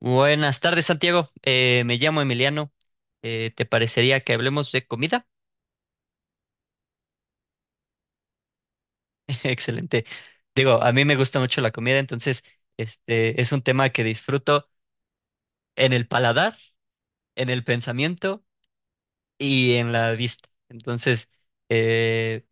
Buenas tardes, Santiago. Me llamo Emiliano. ¿Te parecería que hablemos de comida? Excelente. Digo, a mí me gusta mucho la comida, entonces este es un tema que disfruto en el paladar, en el pensamiento y en la vista. Entonces, eh,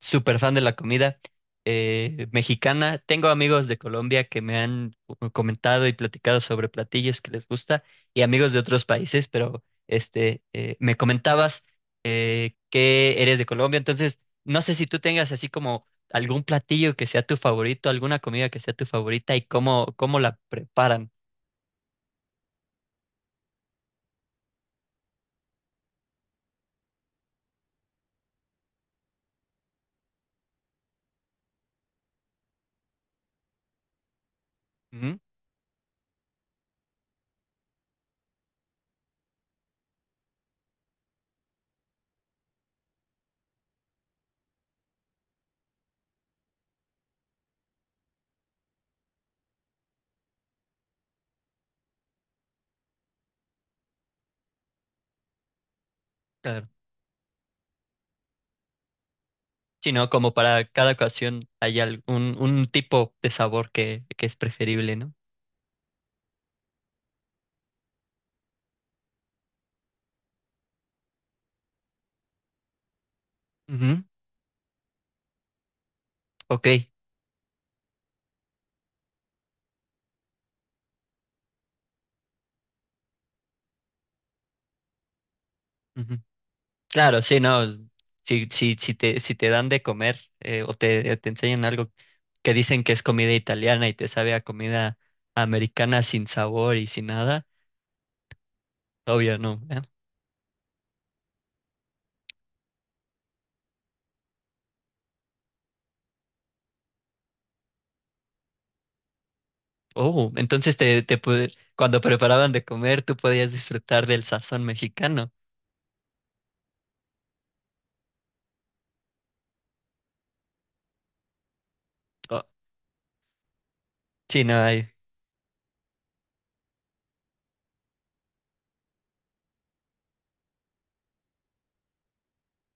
súper fan de la comida mexicana. Tengo amigos de Colombia que me han comentado y platicado sobre platillos que les gusta, y amigos de otros países, pero este, me comentabas que eres de Colombia, entonces no sé si tú tengas así como algún platillo que sea tu favorito, alguna comida que sea tu favorita y cómo la preparan. Ujú, claro. Sí, ¿no? Como para cada ocasión hay algún un tipo de sabor que es preferible, ¿no? Ujú. Ok. Ujú. Claro, sí, no. Si te dan de comer o te enseñan algo que dicen que es comida italiana y te sabe a comida americana sin sabor y sin nada, obvio no. ¿Eh? Oh, entonces te cuando preparaban de comer tú podías disfrutar del sazón mexicano. Oh, sí, no hay.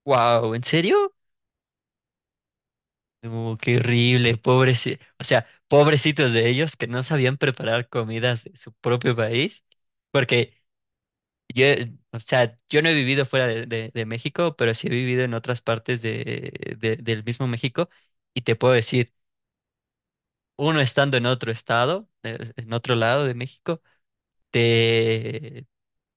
Wow, ¿en serio? Oh, qué horrible, pobres, o sea, pobrecitos de ellos que no sabían preparar comidas de su propio país. Porque yo, o sea, yo no he vivido fuera de, de México, pero sí he vivido en otras partes de, del mismo México y te puedo decir, uno estando en otro estado, en otro lado de México, te,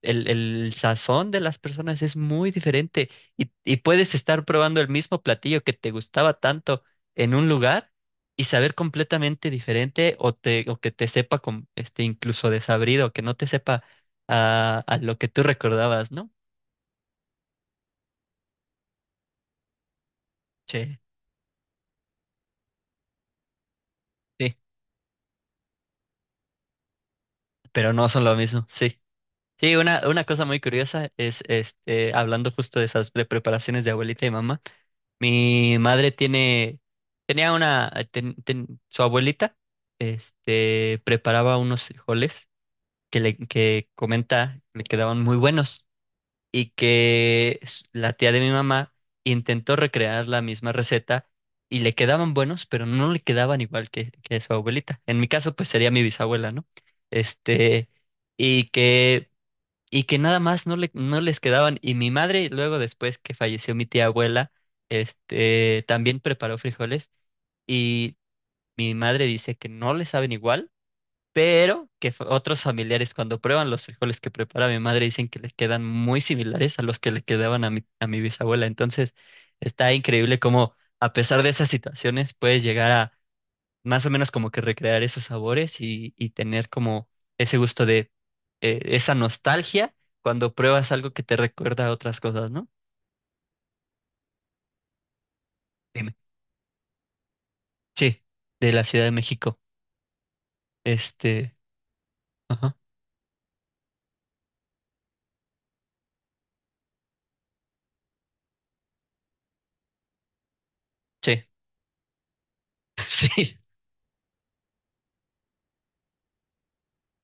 el sazón de las personas es muy diferente y puedes estar probando el mismo platillo que te gustaba tanto en un lugar y saber completamente diferente o, te, o que te sepa con, este, incluso desabrido, que no te sepa a lo que tú recordabas, ¿no? Sí. Sí, pero no son lo mismo, sí. Sí, una cosa muy curiosa es, este, hablando justo de esas preparaciones de abuelita y mamá, mi madre tiene, tenía una, su abuelita, este, preparaba unos frijoles que le, que comenta, le quedaban muy buenos, y la tía de mi mamá intentó recrear la misma receta y le quedaban buenos, pero no le quedaban igual que su abuelita. En mi caso, pues sería mi bisabuela, ¿no? Este, y que, y que nada más no le, no les quedaban. Y mi madre, luego después que falleció mi tía abuela, este, también preparó frijoles y mi madre dice que no le saben igual pero que otros familiares cuando prueban los frijoles que prepara mi madre dicen que les quedan muy similares a los que le quedaban a mi bisabuela. Entonces, está increíble cómo a pesar de esas situaciones puedes llegar a más o menos como que recrear esos sabores y tener como ese gusto de esa nostalgia cuando pruebas algo que te recuerda a otras cosas, ¿no? Dime. Sí, de la Ciudad de México. Este, ajá. Sí, sí,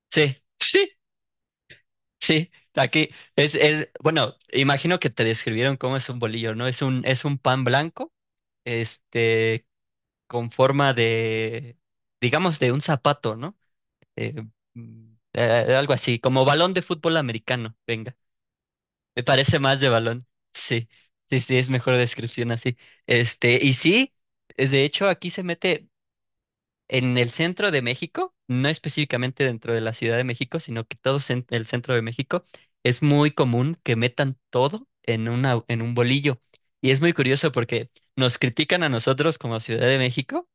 sí, sí. Sí, aquí es, bueno, imagino que te describieron cómo es un bolillo, ¿no? Es un pan blanco, este, con forma de, digamos, de un zapato, ¿no? Eh, mm, eh, Algo así, como balón de fútbol americano, venga, me parece más de balón, sí, sí, sí, es mejor descripción así. Este, y sí, de hecho aquí se mete, en el centro de México, no específicamente dentro de la Ciudad de México, sino que todo el centro de México, es muy común que metan todo en una, en un bolillo. Y es muy curioso porque nos critican a nosotros como Ciudad de México,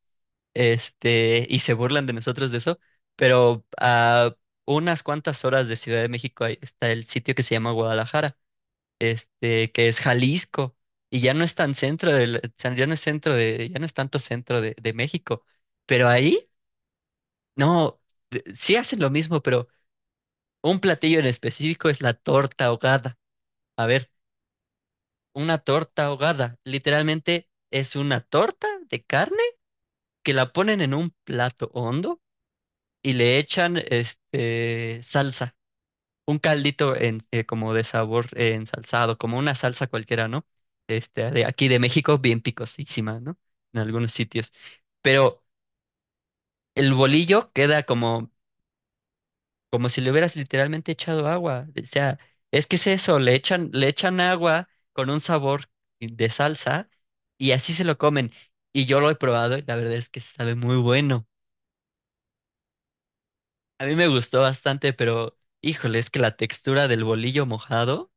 este, y se burlan de nosotros de eso, pero a unas cuantas horas de Ciudad de México ahí está el sitio que se llama Guadalajara, este, que es Jalisco, y ya no es tan centro del, ya no es centro de, ya no es tanto centro de México, pero ahí no, sí hacen lo mismo, pero un platillo en específico es la torta ahogada. A ver, una torta ahogada, literalmente es una torta de carne que la ponen en un plato hondo y le echan este salsa, un caldito en, como de sabor ensalzado, como una salsa cualquiera, ¿no? Este, de aquí de México, bien picosísima, ¿no? En algunos sitios. Pero el bolillo queda como como si le hubieras literalmente echado agua. O sea, es que es eso, le echan agua con un sabor de salsa y así se lo comen. Y yo lo he probado y la verdad es que sabe muy bueno. A mí me gustó bastante, pero híjole, es que la textura del bolillo mojado,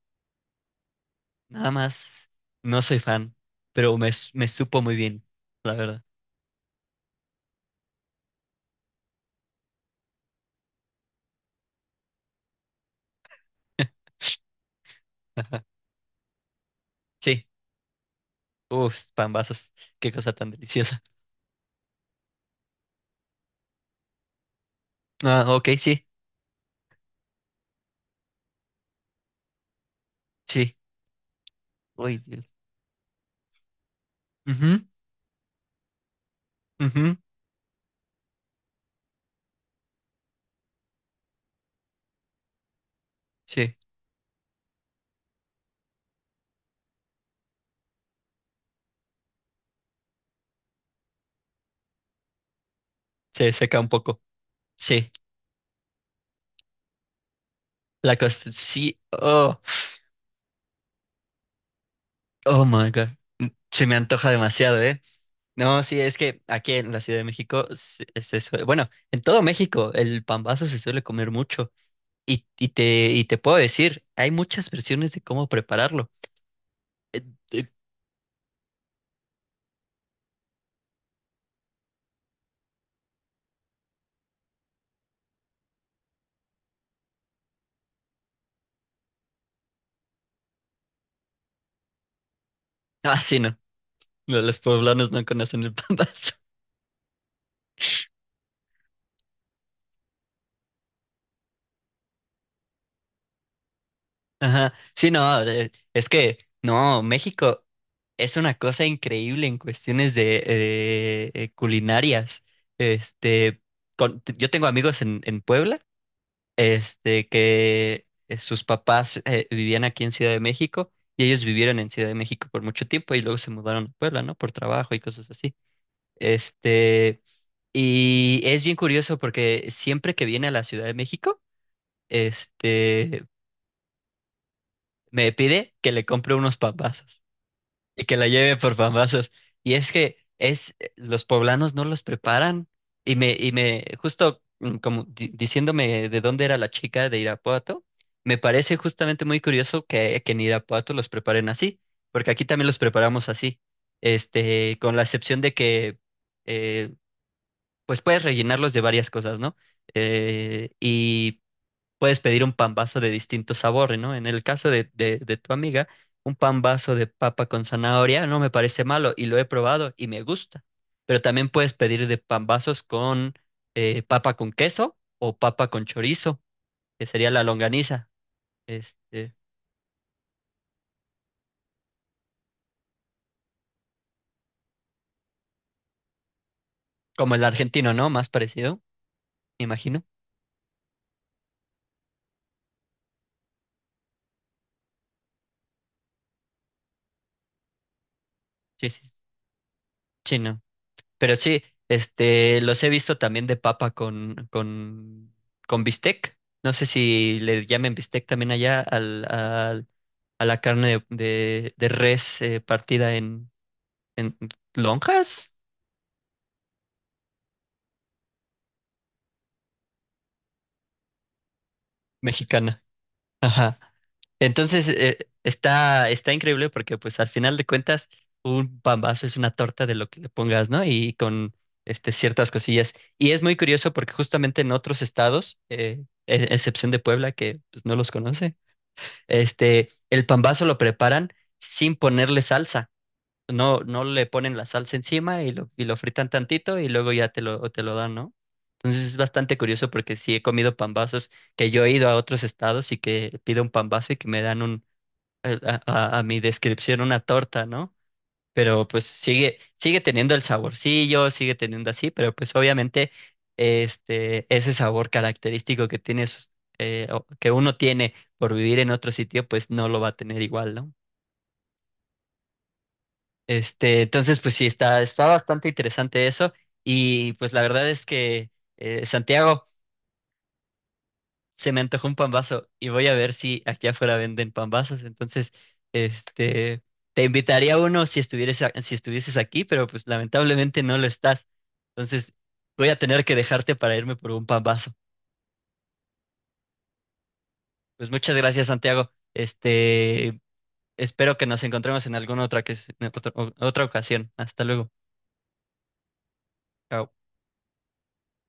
nada más, no soy fan, pero me supo muy bien, la verdad. Sí, uff, pambazos, qué cosa tan deliciosa. Ah, ok, sí, sí. Uy, Dios. Ujú, ujú, sí, se seca un poco. Sí, la costa, sí, oh, oh my God, se me antoja demasiado, ¿eh? No, sí, es que aquí en la Ciudad de México, bueno, en todo México el pambazo se suele comer mucho y, y te puedo decir, hay muchas versiones de cómo prepararlo. Eh, eh, ah, sí, no, no, los poblanos no conocen el pambazo. Ajá, sí, no, es que, no, México es una cosa increíble en cuestiones de culinarias. Este, yo tengo amigos en Puebla, este, que sus papás vivían aquí en Ciudad de México y ellos vivieron en Ciudad de México por mucho tiempo y luego se mudaron a Puebla, ¿no? Por trabajo y cosas así. Este, y es bien curioso porque siempre que viene a la Ciudad de México, este, me pide que le compre unos papás. Y que la lleve por famosas. Y es que es, los poblanos no los preparan. Justo mm, como diciéndome de dónde era la chica de Irapuato, me parece justamente muy curioso que en Irapuato los preparen así, porque aquí también los preparamos así. Este, con la excepción de que eh, pues puedes rellenarlos de varias cosas, ¿no? Y puedes pedir un pan vaso de distinto sabor, ¿no? En el caso de tu amiga, un pan vaso de papa con zanahoria no me parece malo y lo he probado y me gusta. Pero también puedes pedir de pan vasos con papa con queso o papa con chorizo, que sería la longaniza, este, como el argentino, ¿no? Más parecido, me imagino. Sí, sí, chino. Pero sí, este, los he visto también de papa con con bistec. No sé si le llamen bistec también allá al, al a la carne de, de res partida en lonjas mexicana. Ajá. Entonces, está, está increíble porque pues al final de cuentas un pambazo es una torta de lo que le pongas, ¿no? Y con este, ciertas cosillas. Y es muy curioso porque justamente en otros estados, excepción de Puebla, que pues, no los conoce, este, el pambazo lo preparan sin ponerle salsa. No, no le ponen la salsa encima y lo fritan tantito y luego ya te lo dan, ¿no? Entonces es bastante curioso porque sí he comido pambazos que yo he ido a otros estados y que pido un pambazo y que me dan un, eh, a, a mi descripción una torta, ¿no? Pero pues sigue, sigue teniendo el saborcillo, sigue teniendo así, pero pues obviamente este, ese sabor característico que tienes, que uno tiene por vivir en otro sitio, pues no lo va a tener igual, ¿no? Este, entonces, pues sí, está, está bastante interesante eso. Y pues la verdad es que, Santiago, se me antojó un pambazo y voy a ver si aquí afuera venden pambazos. Entonces, este, te invitaría a uno si estuvieras, si estuvieses aquí, pero pues lamentablemente no lo estás. Entonces, voy a tener que dejarte para irme por un pambazo. Pues muchas gracias, Santiago. Este, espero que nos encontremos en alguna otra, en otra otra ocasión. Hasta luego. Chao.